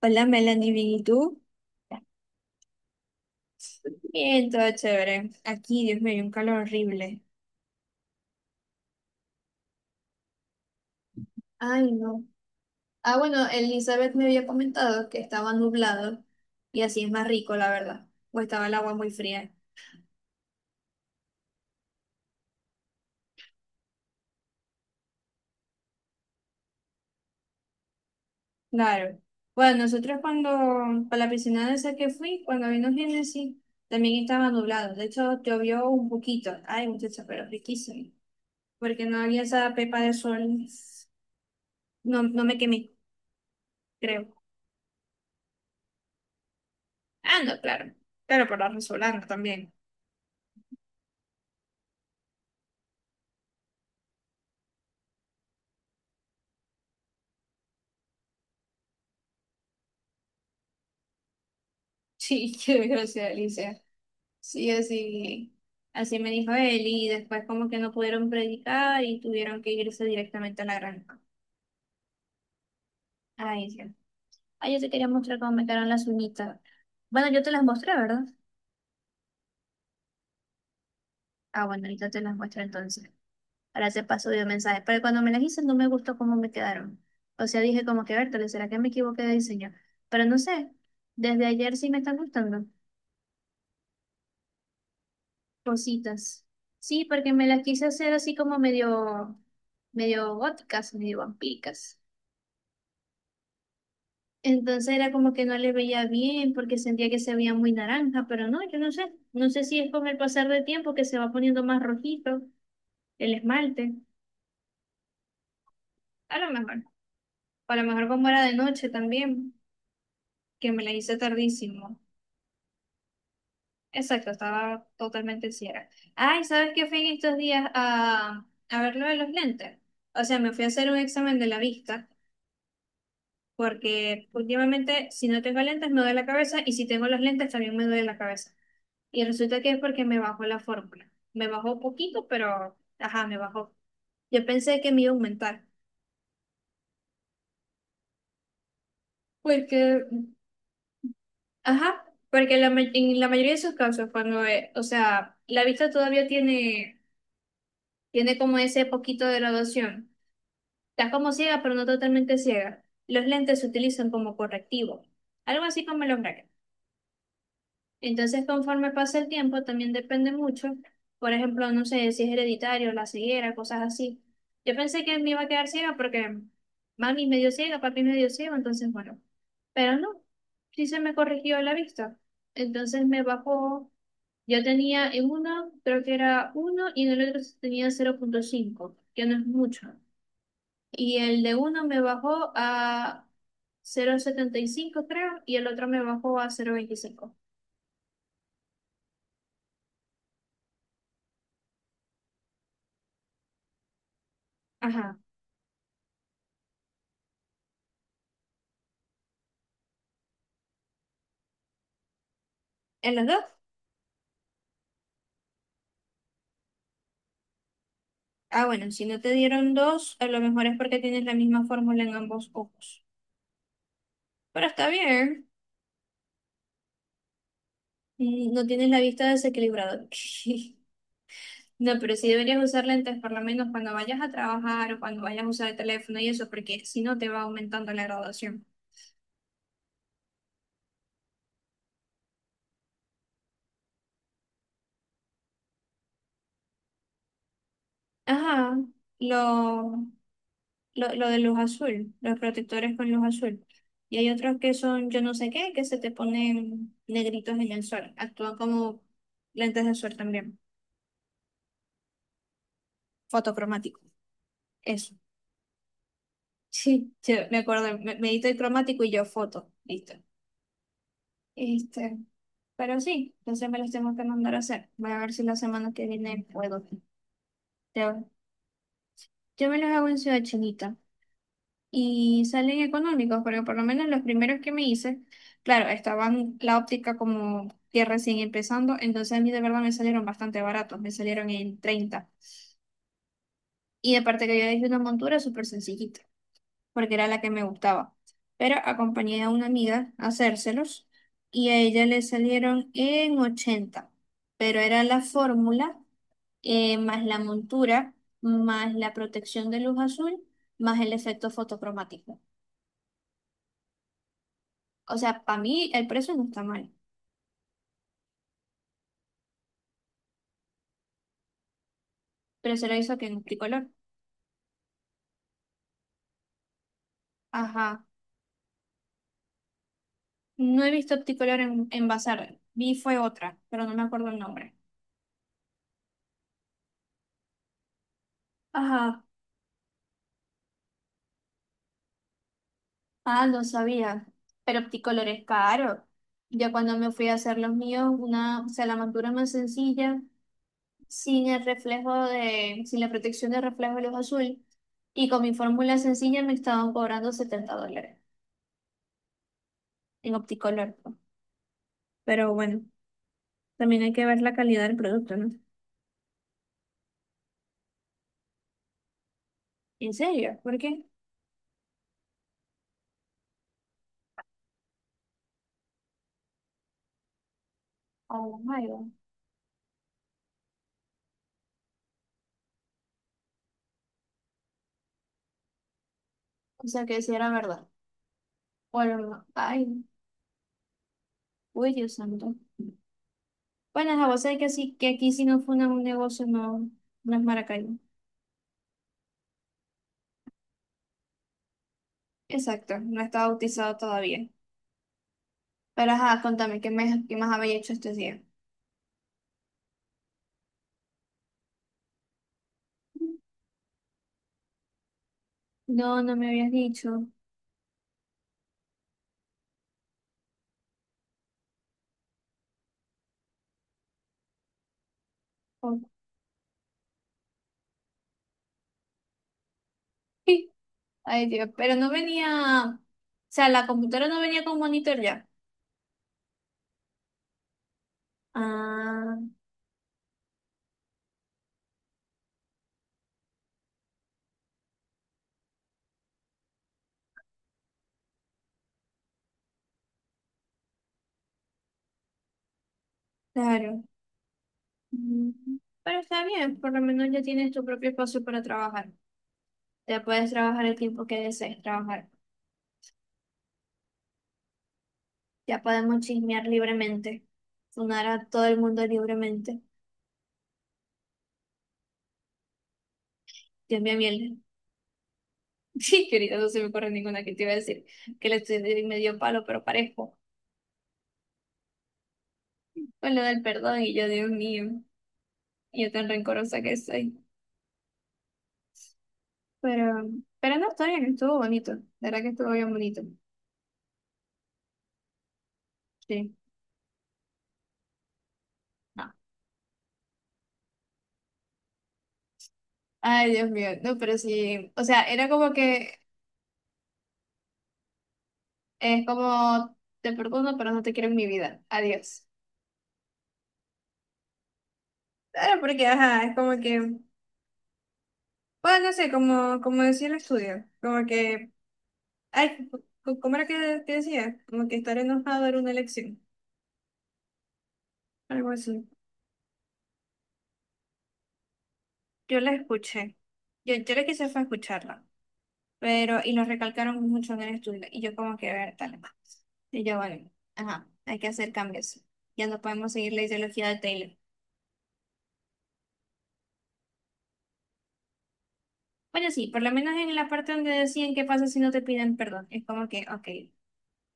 Hola Melanie, bien, ¿y tú? Bien, todo chévere. Aquí, Dios mío, hay un calor horrible. Ay, no. Ah, bueno, Elizabeth me había comentado que estaba nublado y así es más rico, la verdad. O estaba el agua muy fría. Claro. Bueno, nosotros para la piscina de esa que fui, cuando vino Génesis, también estaba nublado. De hecho, llovió un poquito. Ay, muchacha, pero riquísimo. Porque no había esa pepa de sol. No, no me quemé, creo. Ah, no, claro. Pero por la resolana también. Sí, qué desgracia, Alicia. Sí, así me dijo él, y después como que no pudieron predicar y tuvieron que irse directamente a la granja. Ay, sí. Ay, yo te quería mostrar cómo me quedaron las uñitas. Bueno, yo te las mostré, ¿verdad? Ah, bueno, ahorita te las muestro entonces. Ahora te paso de mensaje. Pero cuando me las hice no me gustó cómo me quedaron. O sea, dije como que, Bertale, ¿será que me equivoqué de diseño? Pero no sé, desde ayer sí me están gustando. Rositas. Sí, porque me las quise hacer así como medio góticas, medio vampíricas. Entonces era como que no le veía bien porque sentía que se veía muy naranja, pero no, yo no sé. No sé si es con el pasar del tiempo que se va poniendo más rojito el esmalte. A lo mejor. O a lo mejor como era de noche también, que me la hice tardísimo. Exacto, estaba totalmente ciega. Ay, ¿sabes qué fui en estos días a ver lo de los lentes? O sea, me fui a hacer un examen de la vista, porque últimamente si no tengo lentes me duele la cabeza y si tengo los lentes también me duele la cabeza. Y resulta que es porque me bajó la fórmula. Me bajó poquito, pero ajá, me bajó. Yo pensé que me iba a aumentar. Porque, ajá, porque en la mayoría de sus casos, cuando, o sea, la vista todavía tiene como ese poquito de graduación. Estás como ciega, pero no totalmente ciega. Los lentes se utilizan como correctivo. Algo así como los brackets. Entonces, conforme pasa el tiempo, también depende mucho. Por ejemplo, no sé si es hereditario, la ceguera, cosas así. Yo pensé que me iba a quedar ciega porque mami es medio ciega, papi es medio ciego, entonces bueno. Pero no, sí se me corrigió la vista. Entonces me bajó. Yo tenía en uno, creo que era uno, y en el otro tenía 0,5, que no es mucho. Y el de uno me bajó a 0,75 creo, y el otro me bajó a 0,25. Ajá. En los dos. Ah, bueno, si no te dieron dos, a lo mejor es porque tienes la misma fórmula en ambos ojos. Pero está bien, no tienes la vista desequilibrada. No, pero sí deberías usar lentes por lo menos cuando vayas a trabajar o cuando vayas a usar el teléfono y eso, porque si no te va aumentando la graduación. Ajá, lo, lo de luz azul, los protectores con luz azul. Y hay otros que son yo no sé qué, que se te ponen negritos en el sol. Actúan como lentes de sol también, fotocromático. Eso. Sí, yo me acuerdo, me edito el cromático y yo foto, listo. Este, pero sí, entonces me los tengo que mandar a hacer. Voy a ver si la semana que viene puedo. Te- Yo me los hago en Ciudad Chinita y salen económicos, porque por lo menos los primeros que me hice, claro, estaban la óptica como que recién empezando, entonces a mí de verdad me salieron bastante baratos, me salieron en 30. Y aparte que yo hice una montura súper sencillita, porque era la que me gustaba. Pero acompañé a una amiga a hacérselos y a ella le salieron en 80, pero era la fórmula, más la montura, más la protección de luz azul, más el efecto fotocromático. O sea, para mí el precio no está mal, pero se lo hizo que en Opticolor. Ajá, no he visto Opticolor en, Bazar, vi fue otra, pero no me acuerdo el nombre. Ajá. Ah, no sabía. Pero Opticolor es caro. Yo cuando me fui a hacer los míos, una, o sea, la montura más sencilla, sin el reflejo de, sin la protección de reflejo de luz azul, y con mi fórmula sencilla me estaban cobrando $70 en Opticolor, pues. Pero bueno, también hay que ver la calidad del producto, ¿no? ¿En serio? ¿Por qué? Oh my God. O sea, que si era verdad. Bueno, ay, uy, Dios santo. Bueno, a vos sabés que sí, que aquí si no fue un negocio, no, no es Maracay. Exacto, no estaba bautizado todavía. Pero ajá, contame, ¿qué, qué más había hecho este día? No, no me habías dicho. Ok. Ay, Dios, pero no venía, o sea, la computadora no venía con monitor ya. Ah, claro. Mm, Pero está bien, por lo menos ya tienes tu propio espacio para trabajar. Ya puedes trabajar el tiempo que desees trabajar. Ya podemos chismear libremente, sonar a todo el mundo libremente. Dios mío, miel. Sí, que ahorita no se me ocurre ninguna que te iba a decir que le estoy de medio palo, pero parejo. Con lo del perdón y yo, Dios mío, y yo tan rencorosa que soy. Pero, pero no, está bien, estuvo bonito. La verdad que estuvo bien bonito. Sí. No. Ay, Dios mío, no, pero sí. O sea, era como que es como te perdono, pero no te quiero en mi vida. Adiós. Claro, porque ajá, es como que, bueno, no sé, como decía el estudio, como que, ay, ¿cómo era que decía? Como que estar enojado era una elección. Algo así. Yo la escuché. Yo lo quise fue escucharla. Pero, y lo recalcaron mucho en el estudio. Y yo como que ver tal. Y yo, bueno, ajá, hay que hacer cambios. Ya no podemos seguir la ideología de Taylor. Bueno, sí, por lo menos en la parte donde decían qué pasa si no te piden perdón. Es como que, ok,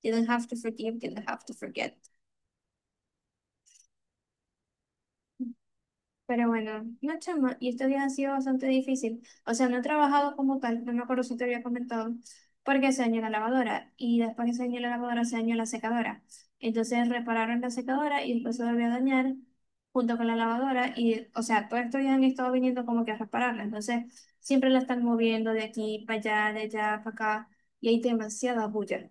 you don't have to forgive, you don't have to forget. Pero bueno, no chama, y estos días ha sido bastante difícil. O sea, no he trabajado como tal, no me acuerdo si te había comentado, porque se dañó la lavadora y después que se dañó la lavadora se dañó la secadora. Entonces repararon la secadora y después se volvió a dañar junto con la lavadora y, o sea, todos estos días han estado viniendo como que a repararla. Entonces siempre la están moviendo de aquí para allá, de allá para acá y hay demasiada bulla.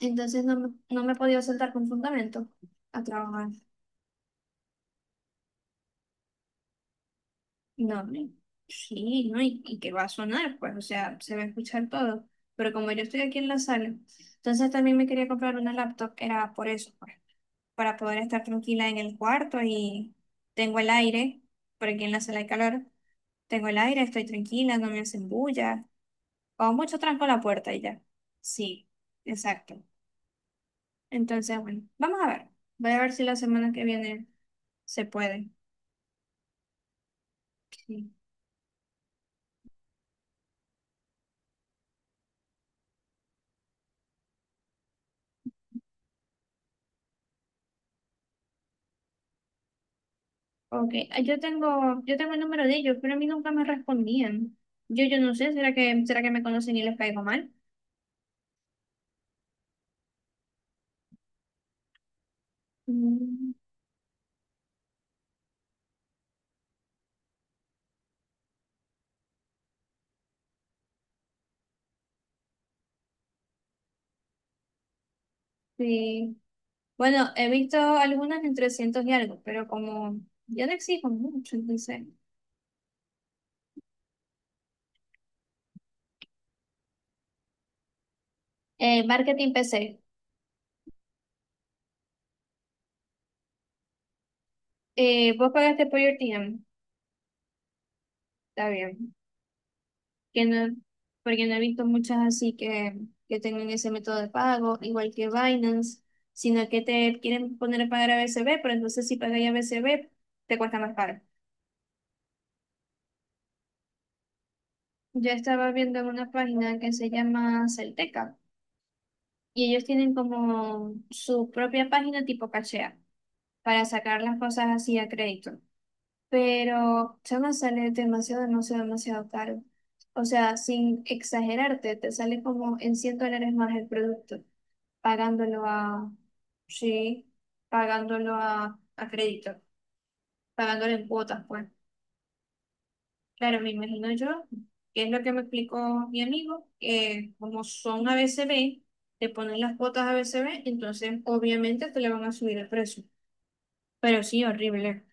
Entonces no, no me he podido sentar con fundamento a trabajar. No, no, sí, ¿no? Y que va a sonar, pues, o sea, se va a escuchar todo. Pero como yo estoy aquí en la sala, entonces también me quería comprar una laptop, era por eso, pues, para poder estar tranquila en el cuarto y tengo el aire, por aquí en la sala hay calor, tengo el aire, estoy tranquila, no me hacen bulla, o mucho tranco la puerta y ya. Sí, exacto. Entonces, bueno, vamos a ver, voy a ver si la semana que viene se puede. Sí. Ok, ah, yo tengo el número de ellos, pero a mí nunca me respondían. Yo no sé, ¿será que me conocen y les caigo mal? Mm, sí. Bueno, he visto algunas en 300 y algo, pero como yo no exijo mucho, entonces. Marketing PC. Vos pagaste por your team, está bien. Que no, porque no he visto muchas así que, tengan ese método de pago, igual que Binance, sino que te quieren poner a pagar a BCB, pero entonces si pagas a BCB te cuesta más caro. Yo estaba viendo en una página que se llama Celteca y ellos tienen como su propia página tipo cachea para sacar las cosas así a crédito. Pero se me sale demasiado, demasiado, demasiado caro. O sea, sin exagerarte, te sale como en $100 más el producto, pagándolo a, sí, pagándolo a crédito, pagándolo en cuotas, pues. Claro, me imagino yo, que es lo que me explicó mi amigo, que como son ABCB, te ponen las cuotas AB, CB, entonces obviamente te le van a subir el precio. Pero sí, horrible.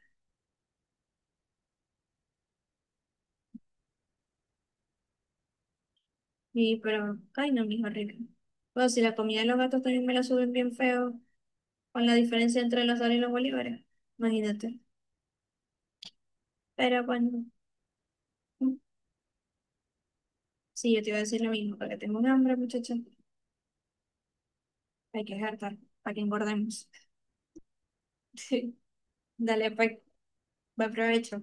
Y pero, ay no, mijo, horrible. Pues si la comida de los gatos también me la suben bien feo, con la diferencia entre los dólares y los bolívares, imagínate. Pero bueno, mm, sí, yo te iba a decir lo mismo, porque tengo un hambre, muchacha. Hay que jartar, para que engordemos. Dale, pues, buen provecho.